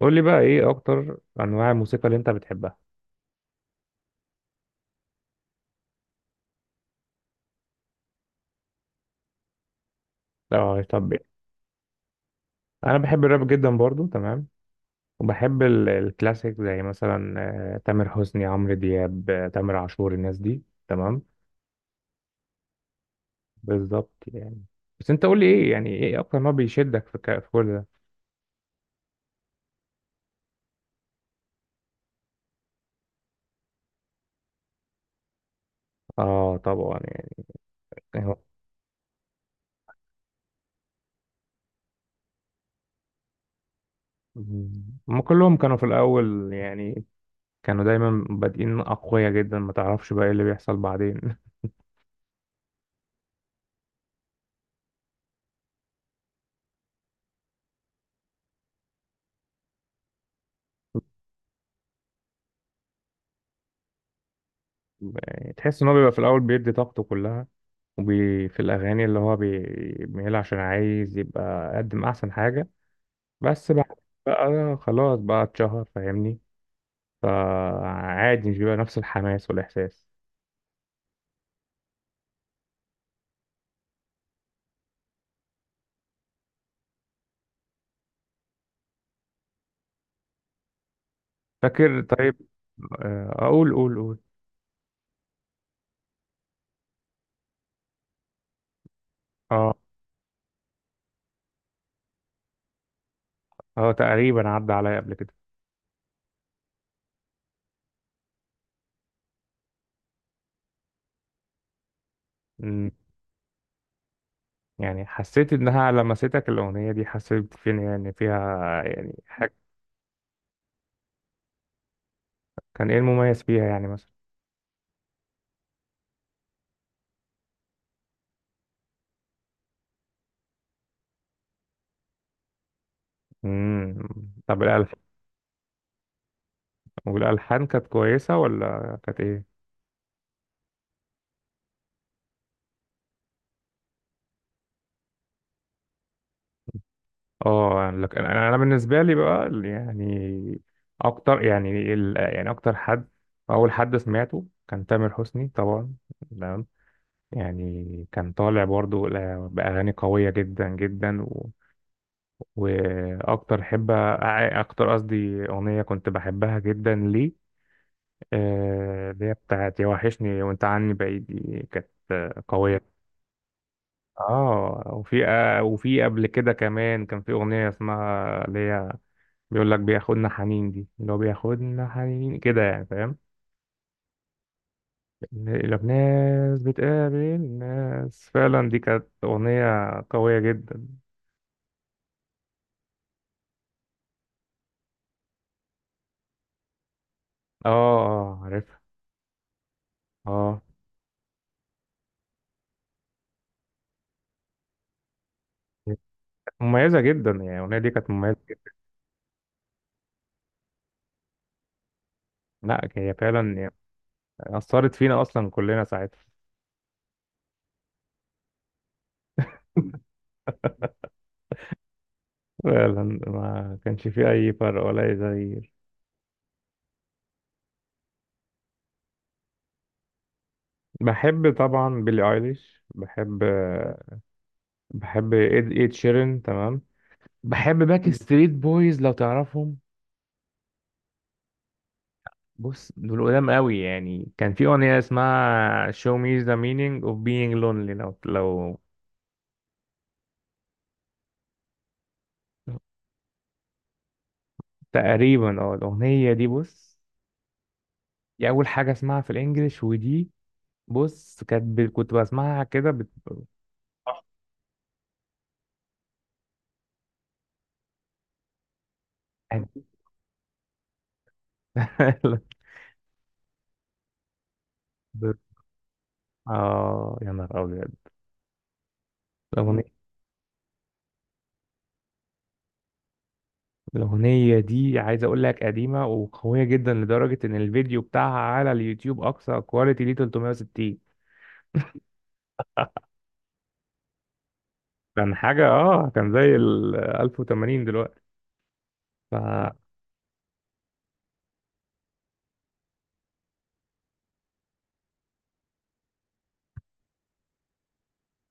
قول لي بقى ايه اكتر انواع الموسيقى اللي انت بتحبها؟ لو طب يعني. انا بحب الراب جدا برضو، تمام. وبحب الكلاسيك زي مثلا تامر حسني، عمرو دياب، تامر عاشور، الناس دي، تمام. بالظبط يعني. بس انت قول لي ايه، يعني ايه اكتر ما بيشدك في في كل ده؟ اه طبعا يعني. هو- هم كلهم كانوا في الاول يعني، كانوا دايما بادئين اقوياء جدا، ما تعرفش بقى ايه اللي بيحصل بعدين. تحس ان هو بيبقى في الاول بيدي طاقته كلها وفي الأغاني اللي هو بيعملها، عشان عايز يبقى قدم أحسن حاجة. بس بعد بقى خلاص بقى اتشهر، فاهمني، فعادي مش بيبقى نفس الحماس والإحساس. فاكر؟ طيب. أقول، قول. اه. اه تقريبا، عدى عليا قبل كده. أمم، يعني حسيت إنها لمستك الأغنية دي؟ حسيت فين يعني فيها يعني حاجة؟ كان إيه المميز فيها يعني مثلا؟ امم. طب الألحان، والألحان كانت كويسة ولا كانت إيه؟ اه يعني لك، أنا بالنسبه لي بقى يعني، اكتر يعني اكتر حد، اول حد سمعته كان تامر حسني طبعا، تمام. يعني كان طالع برضو باغاني قويه جدا جدا و... واكتر حب، اكتر قصدي اغنيه كنت بحبها جدا ليه، اللي هي بتاعت يا وحشني وانت عني بعيد، دي كانت قويه. اه وفي وفي قبل كده كمان كان في اغنيه اسمها، اللي هي بيقول لك بياخدنا حنين، دي اللي هو بياخدنا حنين كده يعني، فاهم؟ لو ناس بتقابل ناس، فعلا دي كانت أغنية قوية جدا. اه. اه عارفها. اه. هي كانت مميزة جدا، يعني الأغنية دي كانت مميزة جدا. لا هي فعلا يعني أثرت فينا أصلا كلنا ساعتها. فعلا ما كانش فيه أي فرق ولا أي تغيير. بحب طبعا بيلي ايليش، بحب. بحب إد شيرين، تمام. بحب باك ستريت بويز، لو تعرفهم. بص دول قدام قوي يعني، كان في أغنية اسمها Show me the meaning of being lonely، لو. تقريبا اه الأغنية دي، بص دي أول حاجة اسمعها في الإنجليش، ودي بص كانت ب... كنت بسمعها كده بت... بت-. اه يا نهار أبيض. الأغنية الأغنية دي عايز أقول لك قديمة وقوية جدا، لدرجة إن الفيديو بتاعها على اليوتيوب أقصى كواليتي ليه 360. كان حاجة، اه كان زي ال 1080 دلوقتي. ف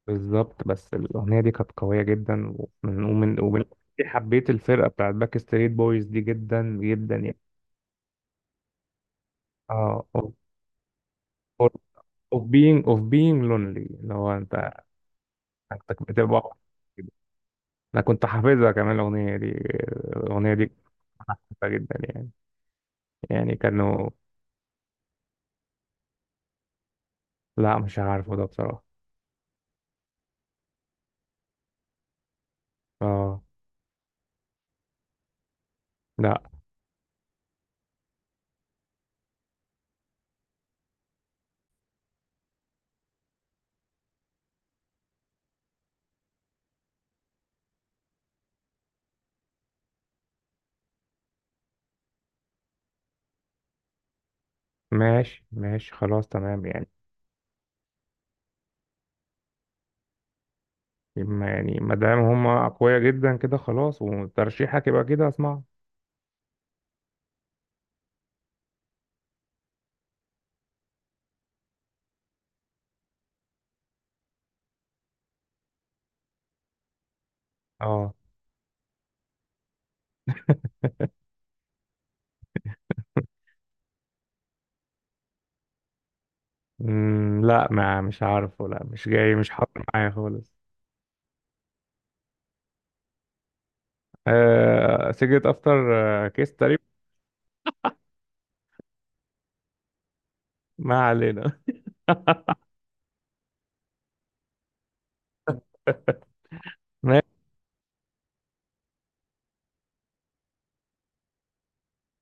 بالظبط، بس الأغنية دي كانت قوية جدا. ومن حبيت الفرقة بتاعت باك ستريت بويز دي جدا جدا يعني. اه of, for- of being of being lonely، اللي هو انت، انت بتبقى. انا كنت حافظها كمان الأغنية دي، كنت حافظها جدا يعني، يعني كانوا. لا مش عارفه ده بصراحة. اه. لا. ماشي ماشي، خلاص تمام يعني. ما- يعني ما دام هما أقوياء جدا كده، خلاص وترشيحك يبقى كده، اسمع. اه. لا ما، مش عارفه، لا مش جاي، مش حاضر معايا خالص. آه سيجرت افتر. آه كيس تقريبا. ما علينا. ماشي.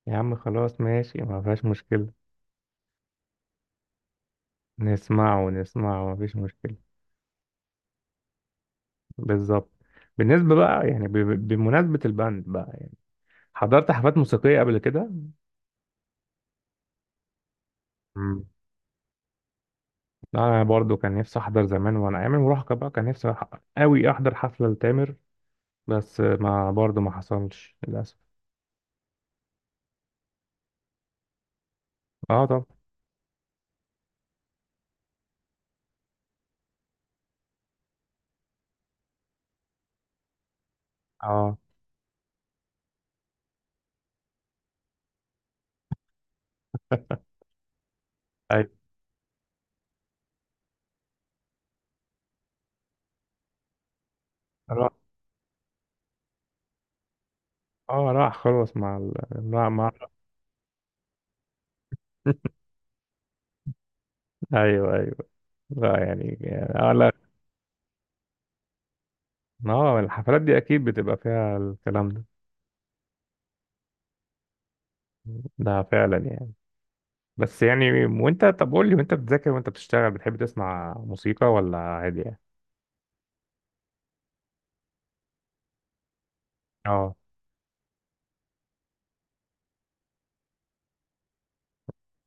يا عم خلاص، ماشي، ما فيهاش مشكلة. نسمعه ونسمعه، ما فيش مشكلة. بالظبط. بالنسبة بقى يعني، بمناسبة الباند بقى يعني، حضرت حفلات موسيقية قبل كده؟ مم. انا برضو كان نفسي احضر زمان وانا ايام المراهقة بقى، كان نفسي قوي احضر حفلة لتامر، بس ما برضو ما حصلش للاسف. اه. طب. اه. أيوة. اه راح خلاص مع ال... مع. ايوه ايوه. لا يعني لا، اه الحفلات دي اكيد بتبقى فيها الكلام ده، ده فعلا يعني. بس يعني وانت، طب قول لي، وانت بتذاكر وانت بتشتغل بتحب تسمع موسيقى ولا عادي يعني؟ اه.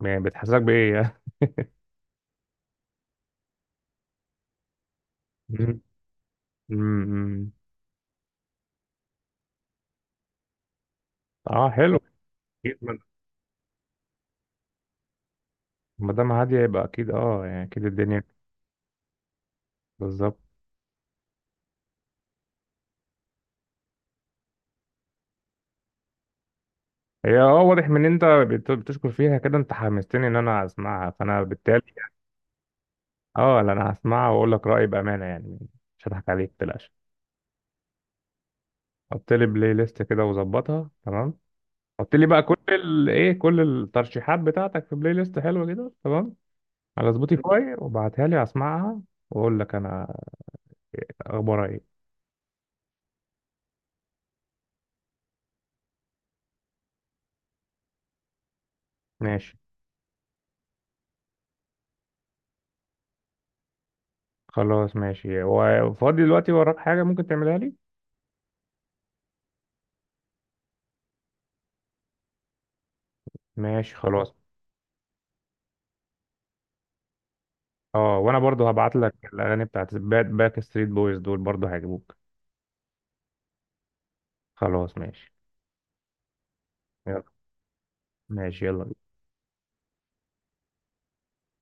يعني بتحسسك بايه يعني؟ مم. مم. اه حلو. اكيد، ما ما دام هاديه يبقى اكيد، اه يعني اكيد الدنيا. بالظبط. هي اه واضح من إن انت بتشكر فيها كده، انت حمستني ان انا اسمعها، فانا بالتالي اه لا، انا هسمعها واقول لك رايي بامانه يعني، مش هضحك عليك متقلقش. حط لي بلاي ليست كده وظبطها، تمام. حط لي بقى كل ايه، كل الترشيحات بتاعتك في بلاي ليست حلوه كده، تمام، على سبوتيفاي، وابعتها لي اسمعها، واقول لك انا اخبارها ايه. ماشي خلاص. ماشي، وفاضي دلوقتي، وراك حاجه ممكن تعملها لي؟ ماشي خلاص. اه وانا برضو هبعت لك الاغاني بتاعت باك ستريت بويز دول، برضو هيعجبوك. خلاص ماشي، يلا. ماشي يلا.